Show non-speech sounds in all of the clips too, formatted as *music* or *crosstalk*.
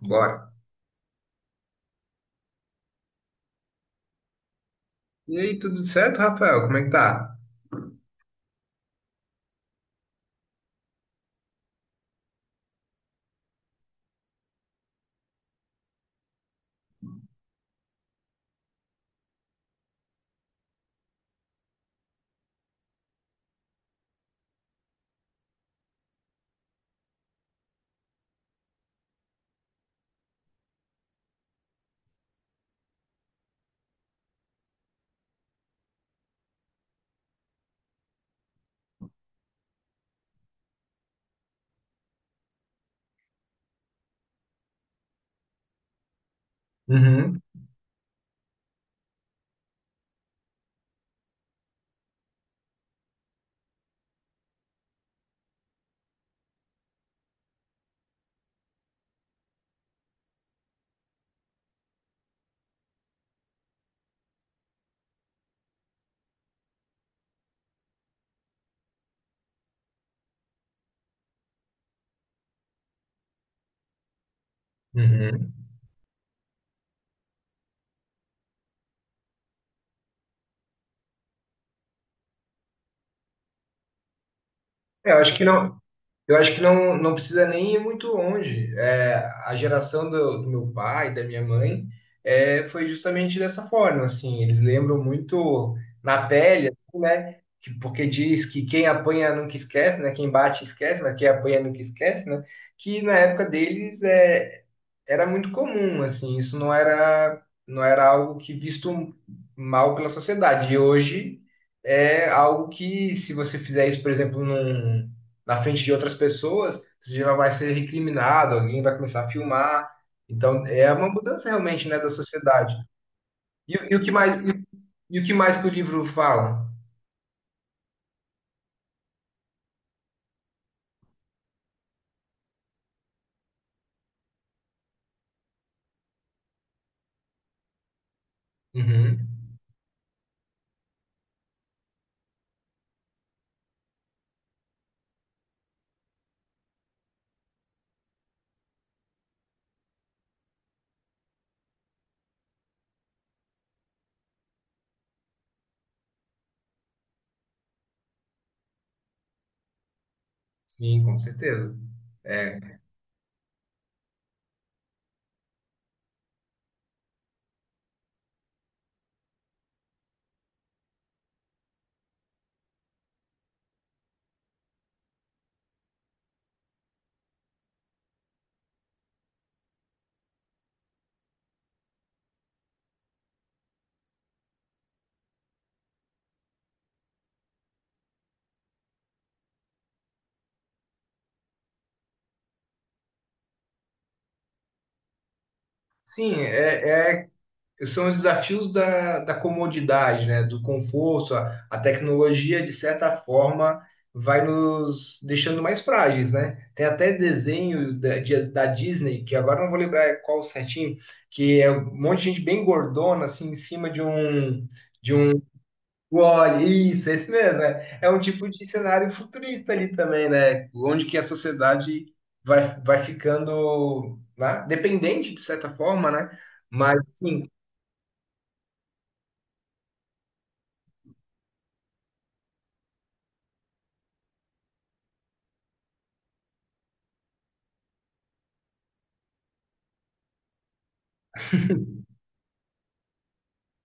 Bora. E aí, tudo certo, Rafael? Como é que tá? Uhum, uhum. Eu acho que não. Eu acho que não, não precisa nem ir muito longe. A geração do meu pai, da minha mãe, foi justamente dessa forma, assim. Eles lembram muito na pele, assim, né? Porque diz que quem apanha nunca esquece, né? Quem bate esquece, né? Quem apanha nunca esquece, né? Que na época deles era muito comum, assim. Isso não era, não era algo que visto mal pela sociedade. E hoje é algo que, se você fizer isso, por exemplo, num na frente de outras pessoas, você já vai ser recriminado, alguém vai começar a filmar. Então, é uma mudança realmente, né, da sociedade. E, o e o que mais, e, e o que mais que o livro fala? Uhum. Sim, com certeza. É. Sim, é são os desafios da comodidade, né? Do conforto. A tecnologia, de certa forma, vai nos deixando mais frágeis, né? Tem até desenho da Disney, que agora não vou lembrar qual certinho, que é um monte de gente bem gordona, assim, em cima de um. De um. Olha, isso, é isso mesmo, né? É um tipo de cenário futurista ali também, né? Onde que a sociedade vai ficando, né? Dependente, de certa forma, né? Mas, sim,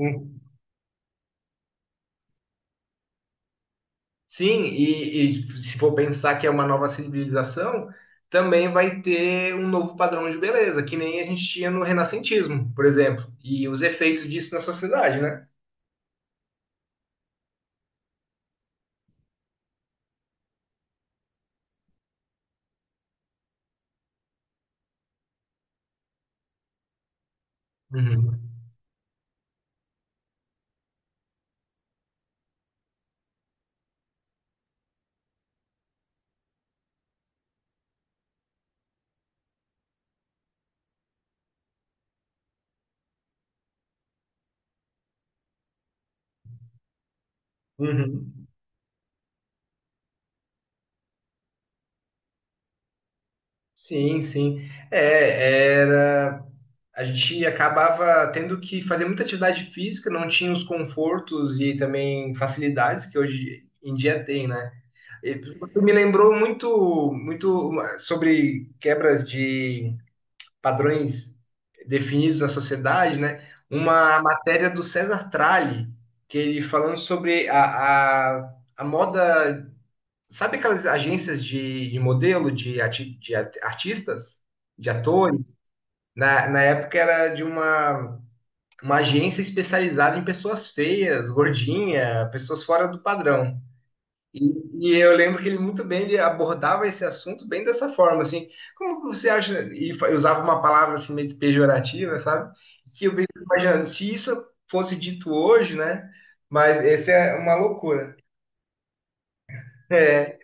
um. Sim, e se for pensar que é uma nova civilização, também vai ter um novo padrão de beleza, que nem a gente tinha no renascentismo, por exemplo, e os efeitos disso na sociedade, né? Uhum. Uhum. Sim, sim. É, era. A gente acabava tendo que fazer muita atividade física, não tinha os confortos e também facilidades que hoje em dia tem, né? E isso me lembrou muito, muito sobre quebras de padrões definidos da sociedade, né? Uma matéria do César Tralli, que ele falando sobre a moda. Sabe aquelas agências de modelo, de artistas, de atores? Na época era de uma agência especializada em pessoas feias, gordinha, pessoas fora do padrão. E eu lembro que ele muito bem ele abordava esse assunto bem dessa forma, assim, como que você acha, e usava uma palavra assim meio que pejorativa, sabe? Que eu fico imaginando, se isso fosse dito hoje, né? Mas essa é uma loucura. É,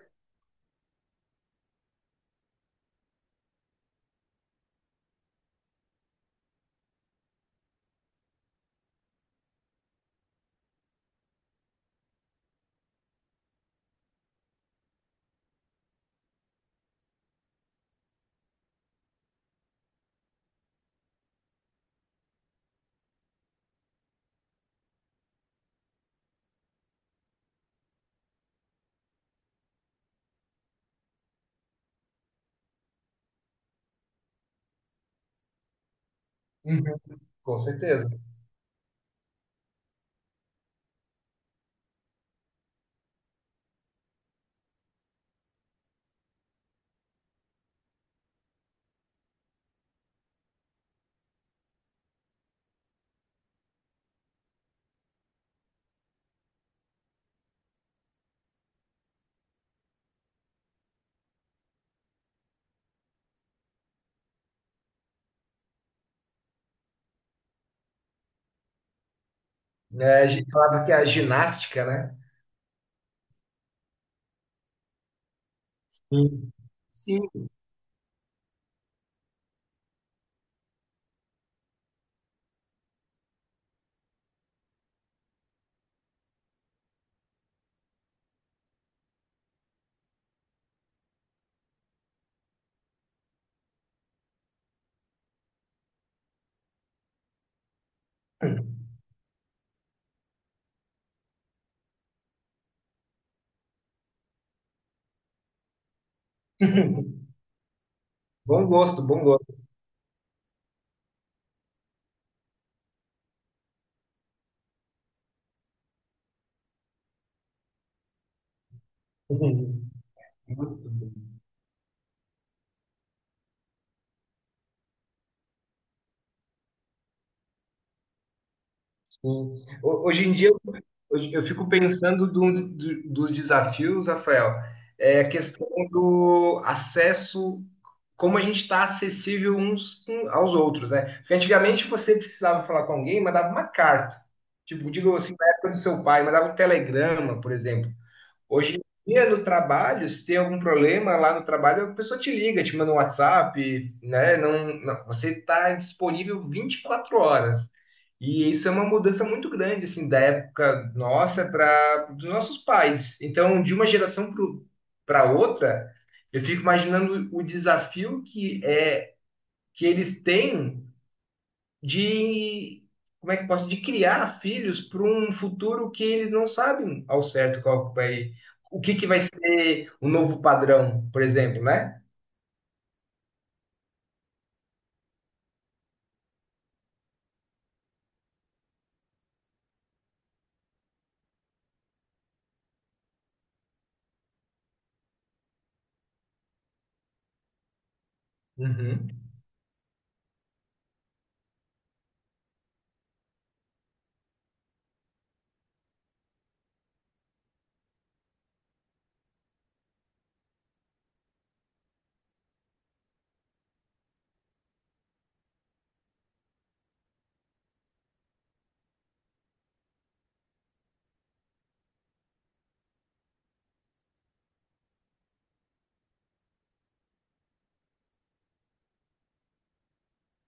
uhum, com certeza. É, a gente falava que é a ginástica, né? Sim. Sim. *laughs* Bom gosto, bom gosto. *laughs* Muito bom. Sim. Hoje em dia, hoje eu fico pensando dos desafios, Rafael, é a questão do acesso, como a gente está acessível aos outros, né? Porque antigamente você precisava falar com alguém, mandava uma carta. Tipo, digo assim, na época do seu pai, mandava um telegrama, por exemplo. Hoje em dia, no trabalho, se tem algum problema lá no trabalho, a pessoa te liga, te manda um WhatsApp, né? Você está disponível 24 horas. E isso é uma mudança muito grande, assim, da época nossa para dos nossos pais. Então, de uma geração para outra, eu fico imaginando o desafio que é que eles têm de, como é que posso, de criar filhos para um futuro que eles não sabem ao certo qual que vai, o que que vai ser o novo padrão, por exemplo, né? Uhum,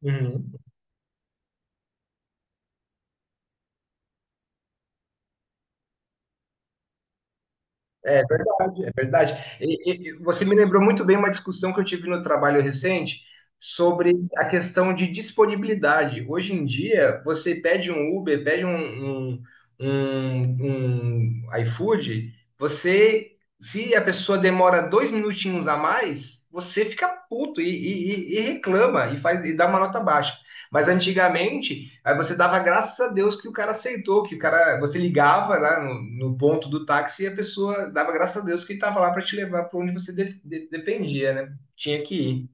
uhum. É verdade, é verdade. E você me lembrou muito bem uma discussão que eu tive no trabalho recente sobre a questão de disponibilidade. Hoje em dia, você pede um Uber, pede um iFood, você, se a pessoa demora 2 minutinhos a mais, você fica puto e reclama e faz e dá uma nota baixa. Mas antigamente, aí você dava graças a Deus que o cara aceitou, que o cara, você ligava lá no ponto do táxi e a pessoa dava graças a Deus que ele estava lá para te levar para onde você dependia, né? Tinha que ir.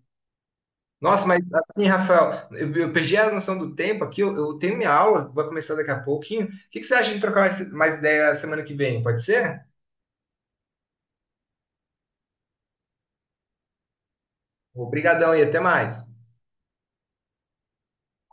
Nossa, mas assim, Rafael, eu perdi a noção do tempo aqui, eu tenho minha aula, vai começar daqui a pouquinho. O que, que você acha de trocar mais, mais ideia semana que vem? Pode ser? Obrigadão e até mais.